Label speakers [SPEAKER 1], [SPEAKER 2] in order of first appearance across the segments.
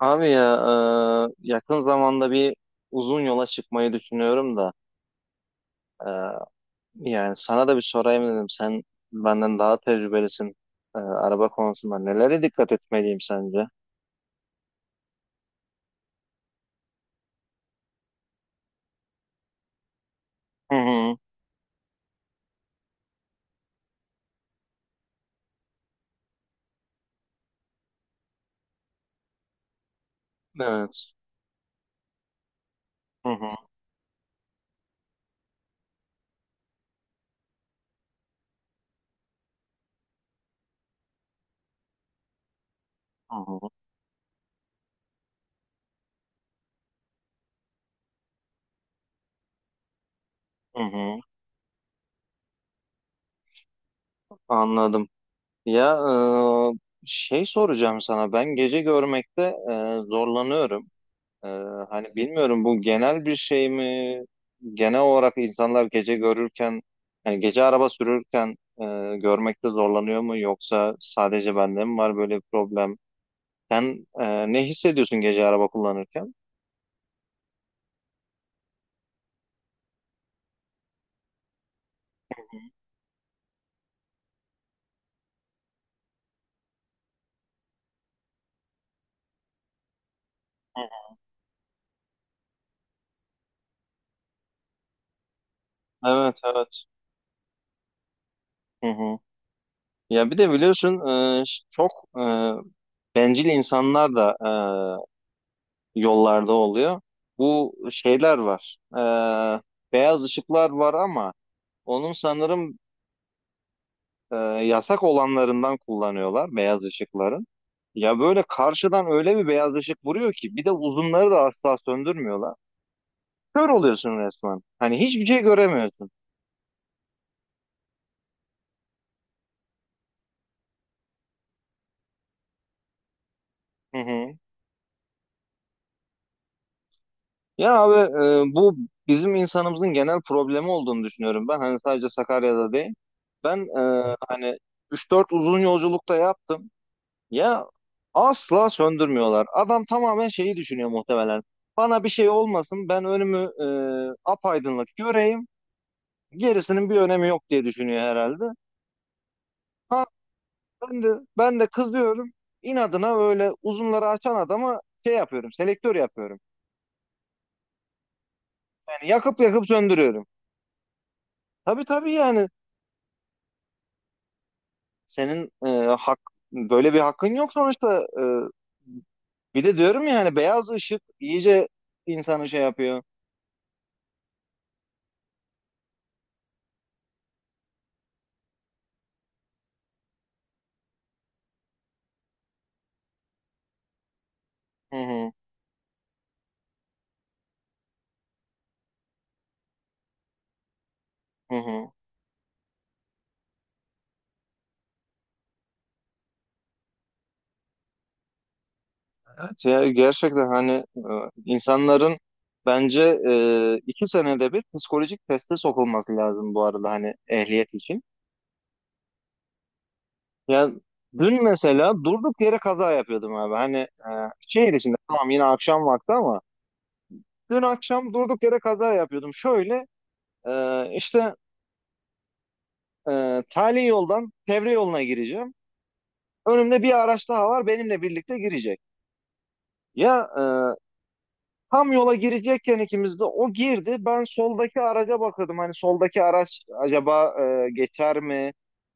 [SPEAKER 1] Abi ya yakın zamanda bir uzun yola çıkmayı düşünüyorum da e, yani sana da bir sorayım dedim. Sen benden daha tecrübelisin araba konusunda. Nelere dikkat etmeliyim sence? Hı hı. Evet. Hı hı. Hı hı. Hı hı. Anladım. Ya şey soracağım sana. Ben gece görmekte zorlanıyorum. Ee, hani bilmiyorum bu genel bir şey mi? Genel olarak insanlar gece görürken, hani gece araba sürürken e, görmekte zorlanıyor mu? Yoksa sadece bende mi var böyle bir problem? Sen ne hissediyorsun gece araba kullanırken? Hı hı. Evet, evet. Hı hı. Ya bir de biliyorsun çok e, bencil insanlar da yollarda oluyor. Bu şeyler var. E, beyaz ışıklar var ama onun sanırım e, yasak olanlarından kullanıyorlar beyaz ışıkların. Ya böyle karşıdan öyle bir beyaz ışık vuruyor ki bir de uzunları da asla söndürmüyorlar. Kör oluyorsun resmen. Hani hiçbir şey göremiyorsun. Hı hı. Ya abi, bu bizim insanımızın genel problemi olduğunu düşünüyorum ben. Hani sadece Sakarya'da değil. Ben hani üç dört uzun yolculukta yaptım. Ya asla söndürmüyorlar. Adam tamamen şeyi düşünüyor muhtemelen. Bana bir şey olmasın, ben önümü apaydınlık göreyim. Gerisinin bir önemi yok diye düşünüyor herhalde. Ha, ben de ben de kızıyorum. İnadına öyle uzunları açan adama şey yapıyorum, selektör yapıyorum. Yani yakıp yakıp söndürüyorum. Tabii tabii, yani senin e, hak böyle bir hakkın yok sonuçta. Bir de diyorum ya hani beyaz ışık iyice insanı şey yapıyor. Hı hı, hı hı. Evet ya, gerçekten hani insanların bence iki senede bir psikolojik teste sokulması lazım bu arada, hani ehliyet için. Ya dün mesela durduk yere kaza yapıyordum abi. Hani şehir içinde tamam, yine akşam vakti, ama dün akşam durduk yere kaza yapıyordum. Şöyle e, işte tali yoldan çevre yoluna gireceğim. Önümde bir araç daha var, benimle birlikte girecek. Ya tam yola girecekken ikimiz de, o girdi. Ben soldaki araca bakıyordum. Hani soldaki araç acaba geçer mi?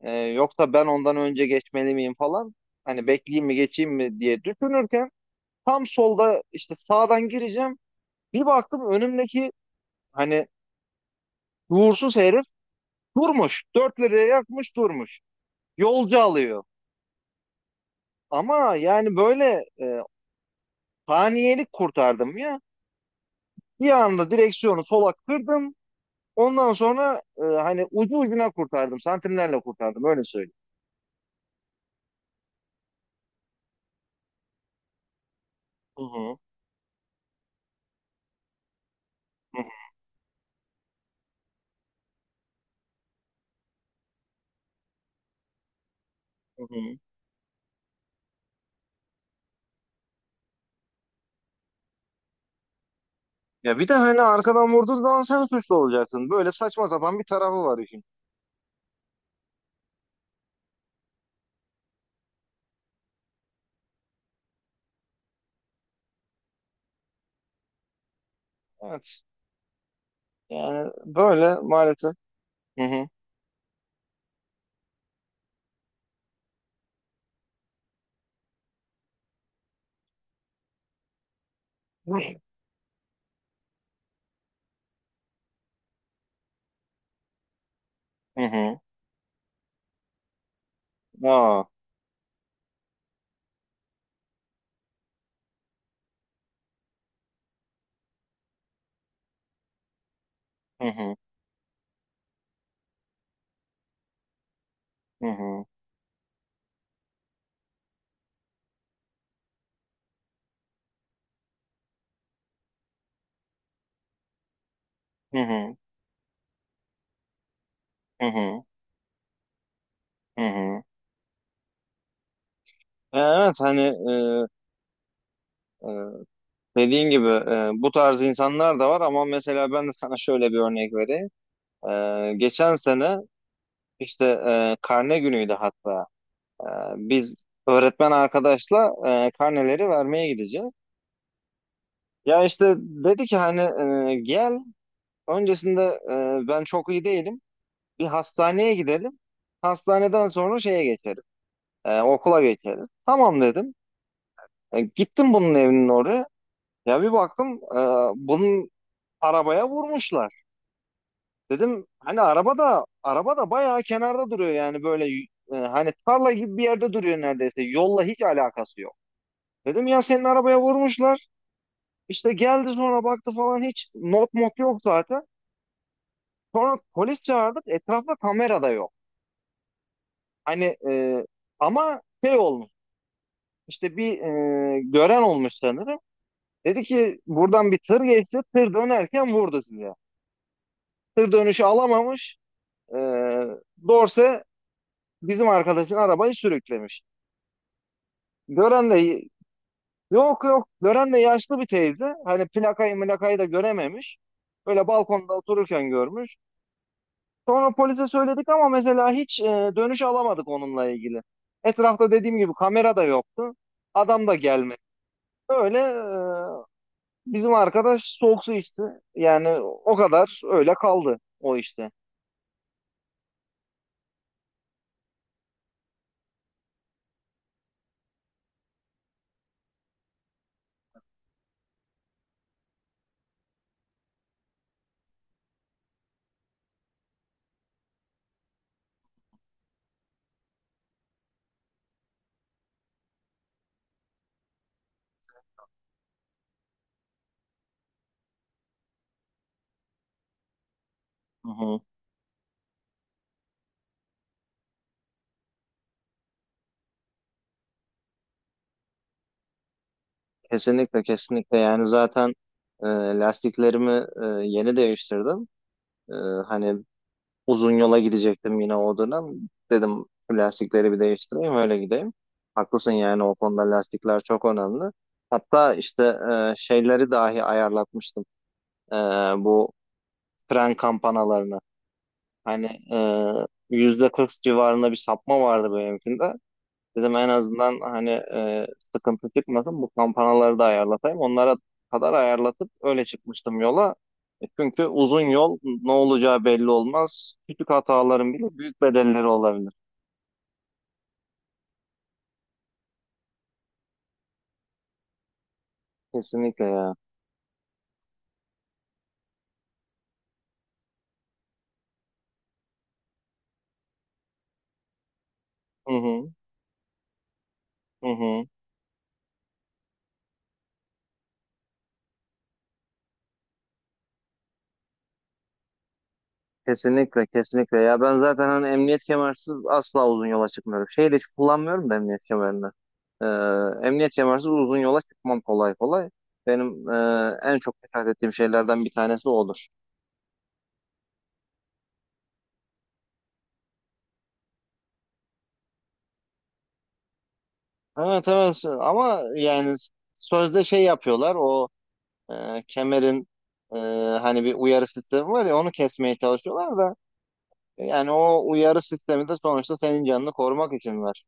[SPEAKER 1] Yoksa ben ondan önce geçmeli miyim falan. Hani bekleyeyim mi geçeyim mi diye düşünürken tam solda işte sağdan gireceğim. Bir baktım önümdeki, hani, uğursuz herif durmuş. Dört liraya yakmış durmuş. Yolcu alıyor. Ama yani böyle saniyelik kurtardım ya. Bir anda direksiyonu sola kırdım. Ondan sonra hani ucu ucuna kurtardım. Santimlerle kurtardım, öyle söyleyeyim. Hı hı, hı hı, hı hı. Ya bir de hani arkadan vurduğun zaman sen suçlu olacaksın. Böyle saçma sapan bir tarafı var işin. Evet. Yani böyle maalesef. Hı hı. Hı hı. Aa, hı hı, hı hı, hı hı, hı hı, hı hı. Ya evet, hani e, e, dediğin gibi, bu tarz insanlar da var ama mesela ben de sana şöyle bir örnek vereyim. Geçen sene işte karne günüydü hatta. E, biz öğretmen arkadaşla karneleri vermeye gideceğiz. Ya işte dedi ki hani gel öncesinde, ben çok iyi değilim. Bir hastaneye gidelim. Hastaneden sonra şeye geçelim. Okula geçelim. Tamam dedim. Gittim bunun evinin oraya. Ya bir baktım bunun arabaya vurmuşlar. Dedim hani araba da bayağı kenarda duruyor yani böyle, hani tarla gibi bir yerde duruyor neredeyse. Yolla hiç alakası yok. Dedim ya senin arabaya vurmuşlar. İşte geldi sonra baktı falan, hiç not mot yok zaten. Sonra polis çağırdık, etrafta kamera da yok. Hani ama şey olmuş, işte bir gören olmuş sanırım. Dedi ki buradan bir tır geçti, tır dönerken vurdu sizi. Tır dönüşü alamamış. E, Dorse bizim arkadaşın arabayı sürüklemiş. Gören de yok, gören de yaşlı bir teyze. Hani plakayı mülakayı da görememiş. Böyle balkonda otururken görmüş. Sonra polise söyledik ama mesela hiç dönüş alamadık onunla ilgili. Etrafta dediğim gibi kamera da yoktu. Adam da gelmedi. Öyle bizim arkadaş soğuk su içti. Yani o kadar öyle kaldı o işte. Hı hı. Kesinlikle kesinlikle, yani zaten e, lastiklerimi yeni değiştirdim. E, hani uzun yola gidecektim yine o dönem. Dedim, "Bu lastikleri bir değiştireyim öyle gideyim. Haklısın yani o konuda, lastikler çok önemli. Hatta işte şeyleri dahi ayarlatmıştım. E, bu fren kampanalarını. Hani %40 civarında bir sapma vardı benimkinde. Dedim en azından hani sıkıntı çıkmasın, bu kampanaları da ayarlatayım. Onlara kadar ayarlatıp öyle çıkmıştım yola. Çünkü uzun yol, ne olacağı belli olmaz. Küçük hataların bile büyük bedelleri olabilir. Kesinlikle ya. Hı hı. Hı hı. Kesinlikle kesinlikle ya, ben zaten hani emniyet kemersiz asla uzun yola çıkmıyorum. Şeyi de hiç kullanmıyorum da, emniyet kemerini. Ee, emniyet kemersiz uzun yola çıkmam kolay kolay. Benim en çok dikkat ettiğim şeylerden bir tanesi odur. Evet evet, ama yani sözde şey yapıyorlar, o kemerin e, hani bir uyarı sistemi var ya, onu kesmeye çalışıyorlar da, yani o uyarı sistemi de sonuçta senin canını korumak için var.